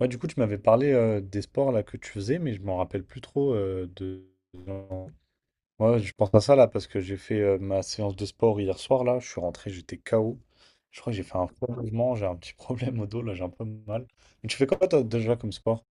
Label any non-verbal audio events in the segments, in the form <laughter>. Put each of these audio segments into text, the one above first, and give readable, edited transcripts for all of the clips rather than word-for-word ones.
Ouais, du coup, tu m'avais parlé des sports là que tu faisais, mais je m'en rappelle plus trop de. Moi, je pense à ça là parce que j'ai fait ma séance de sport hier soir là. Je suis rentré, j'étais KO. Je crois que j'ai fait un faux mouvement, j'ai un petit problème au dos là, j'ai un peu mal. Mais tu fais quoi toi déjà comme sport?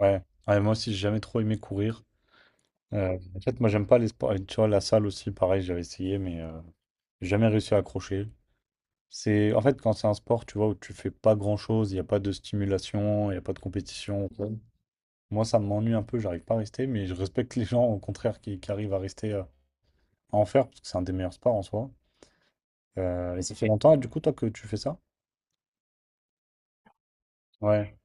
Ouais. Ouais, moi aussi, j'ai jamais trop aimé courir. En fait, moi, j'aime pas les sports. Et tu vois, la salle aussi, pareil, j'avais essayé, mais j'ai jamais réussi à accrocher. C'est en fait quand c'est un sport, tu vois, où tu fais pas grand-chose, il n'y a pas de stimulation, il n'y a pas de compétition. Ouais. Moi, ça m'ennuie un peu, j'arrive pas à rester, mais je respecte les gens, au contraire, qui arrivent à rester, à en faire, parce que c'est un des meilleurs sports en soi. Et ça fait longtemps, du coup, toi, que tu fais ça? Ouais.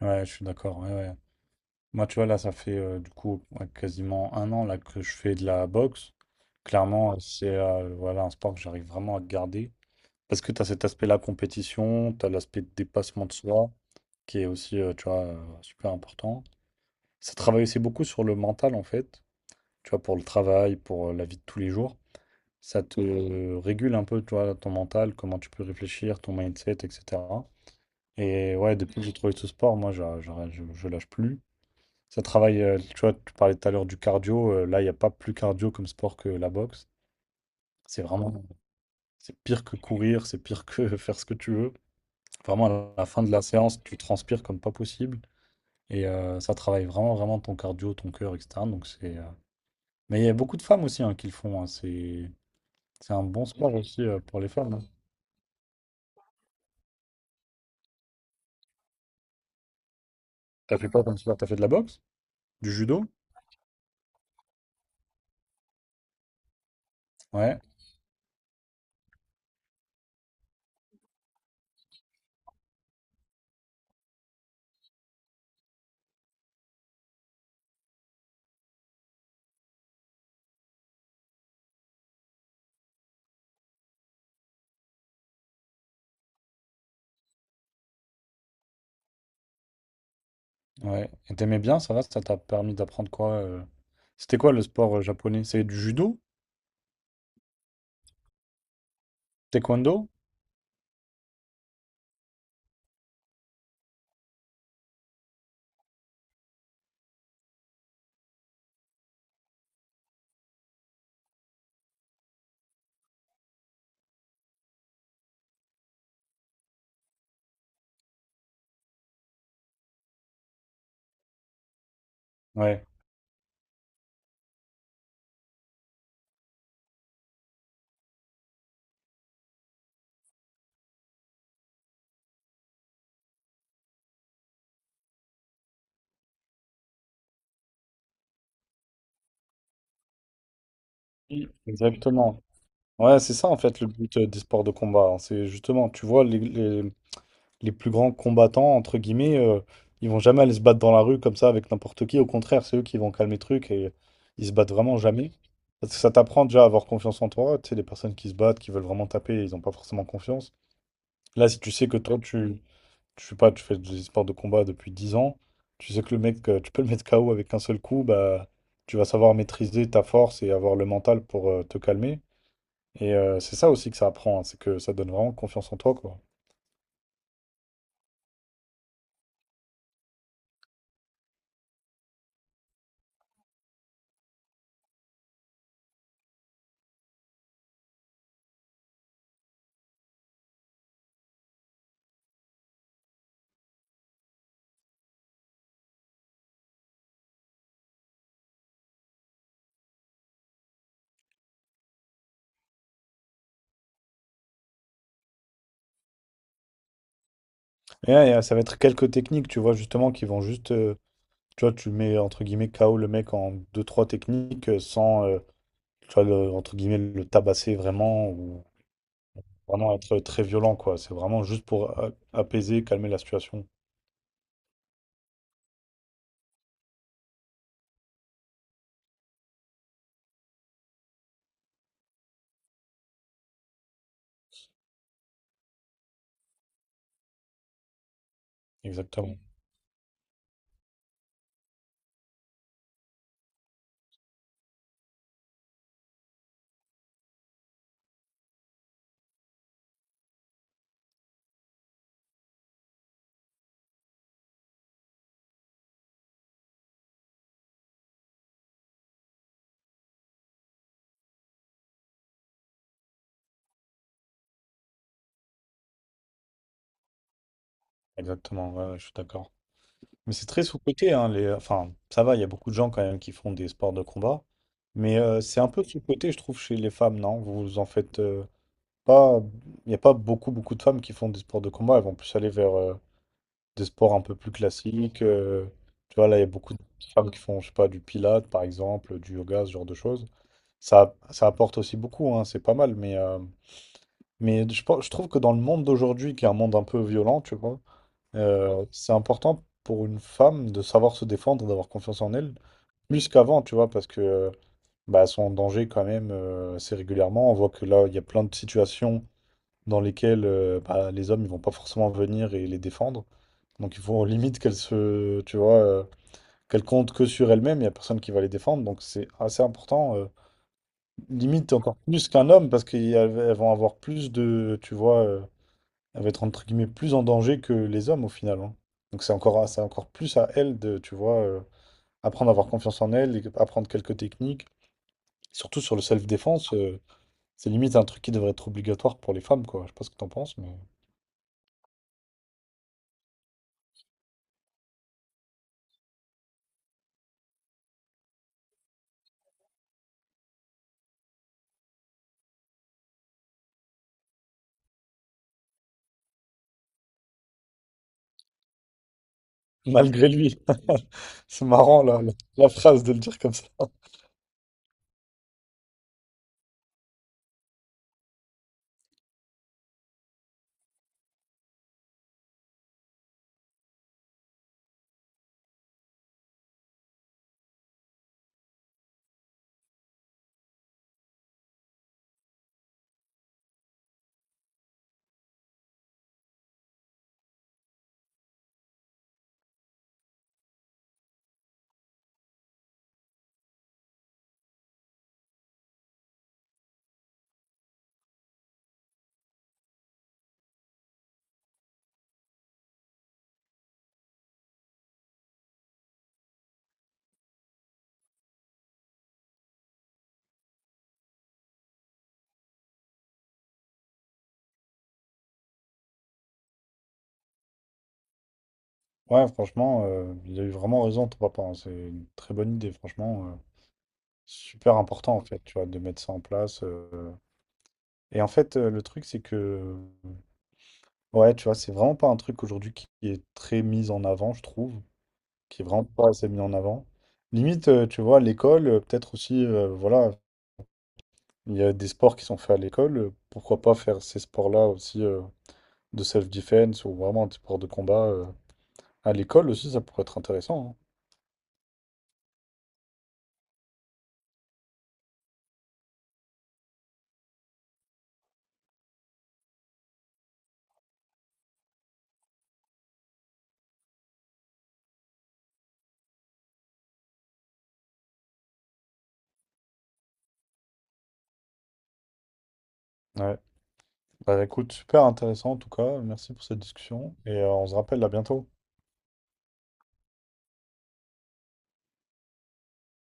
Ouais, je suis d'accord. Ouais, ouais. Moi, tu vois, là, ça fait du coup ouais, quasiment un an là, que je fais de la boxe. Clairement, c'est, voilà, un sport que j'arrive vraiment à garder. Parce que tu as cet aspect-là, compétition, tu as l'aspect de dépassement de soi, qui est aussi, tu vois, super important. Ça travaille aussi beaucoup sur le mental, en fait, tu vois, pour le travail, pour la vie de tous les jours. Ça te régule un peu, toi, ton mental, comment tu peux réfléchir, ton mindset, etc. Et ouais, depuis que j'ai trouvé ce sport, moi, je lâche plus. Ça travaille, tu vois, tu parlais tout à l'heure du cardio. Là, il n'y a pas plus cardio comme sport que la boxe. C'est vraiment, c'est pire que courir, c'est pire que <laughs> faire ce que tu veux. Vraiment, à la fin de la séance, tu transpires comme pas possible. Et ça travaille vraiment, vraiment ton cardio, ton cœur, etc. Donc c'est, mais il y a beaucoup de femmes aussi, hein, qui le font. Hein, c'est un bon sport aussi pour les femmes, hein. T'as fait quoi comme sport? T'as fait de la boxe? Du judo? Ouais, ouais. Et t'aimais bien, ça va? Ça t'a permis d'apprendre quoi? C'était quoi le sport japonais? C'est du judo? Taekwondo? Ouais. Oui. Exactement. Ouais, c'est ça en fait le but des sports de combat. Hein. C'est justement, tu vois, les plus grands combattants, entre guillemets, ils vont jamais aller se battre dans la rue comme ça avec n'importe qui. Au contraire, c'est eux qui vont calmer le truc et ils se battent vraiment jamais. Parce que ça t'apprend déjà à avoir confiance en toi. Tu sais, les personnes qui se battent, qui veulent vraiment taper, ils n'ont pas forcément confiance. Là, si tu sais que toi, je sais pas, tu fais des sports de combat depuis 10 ans, tu sais que le mec, tu peux le mettre KO avec un seul coup, bah, tu vas savoir maîtriser ta force et avoir le mental pour te calmer. Et c'est ça aussi que ça apprend, hein, c'est que ça donne vraiment confiance en toi, quoi. Et, ouais, ça va être quelques techniques, tu vois, justement, qui vont juste, tu vois, tu mets, entre guillemets, KO le mec en deux trois techniques sans, tu vois, entre guillemets, le tabasser vraiment ou vraiment être très violent, quoi. C'est vraiment juste pour apaiser, calmer la situation. Exactement, exactement, ouais, ouais, je suis d'accord. Mais c'est très sous-coté, hein, enfin, ça va, il y a beaucoup de gens quand même qui font des sports de combat, mais c'est un peu sous-coté, je trouve, chez les femmes, non? Vous en faites pas, il n'y a pas beaucoup, beaucoup de femmes qui font des sports de combat, elles vont plus aller vers des sports un peu plus classiques. Tu vois, là, il y a beaucoup de femmes qui font, je sais pas, du pilates, par exemple, du yoga, ce genre de choses. Ça apporte aussi beaucoup, hein, c'est pas mal, mais je trouve que dans le monde d'aujourd'hui, qui est un monde un peu violent, tu vois, c'est important pour une femme de savoir se défendre, d'avoir confiance en elle, plus qu'avant, tu vois, parce que bah, elles sont en danger quand même assez régulièrement. On voit que là, il y a plein de situations dans lesquelles bah, les hommes, ils vont pas forcément venir et les défendre. Donc il faut limite qu'elles se, tu vois, qu'elles comptent que sur elles-mêmes. Il y a personne qui va les défendre, donc c'est assez important. Limite encore plus qu'un homme, parce qu'elles vont avoir plus de, tu vois. Elle va être entre guillemets plus en danger que les hommes au final. Hein. Donc c'est encore plus à elle de, tu vois, apprendre à avoir confiance en elle, et apprendre quelques techniques. Surtout sur le self-défense, c'est limite un truc qui devrait être obligatoire pour les femmes, quoi. Je sais pas ce que t'en penses, mais malgré lui, <laughs> c'est marrant la, la, la phrase de le dire comme ça. Ouais, franchement, il a eu vraiment raison, ton papa. Hein. C'est une très bonne idée, franchement. Super important en fait, tu vois, de mettre ça en place. Et en fait, le truc, c'est que, ouais, tu vois, c'est vraiment pas un truc aujourd'hui qui est très mis en avant, je trouve, qui est vraiment pas assez mis en avant. Limite, tu vois, à l'école, peut-être aussi, voilà, il y a des sports qui sont faits à l'école, pourquoi pas faire ces sports-là aussi de self-defense ou vraiment des sports de combat, à l'école aussi, ça pourrait être intéressant. Hein. Ouais. Bah écoute, super intéressant en tout cas, merci pour cette discussion et on se rappelle à bientôt.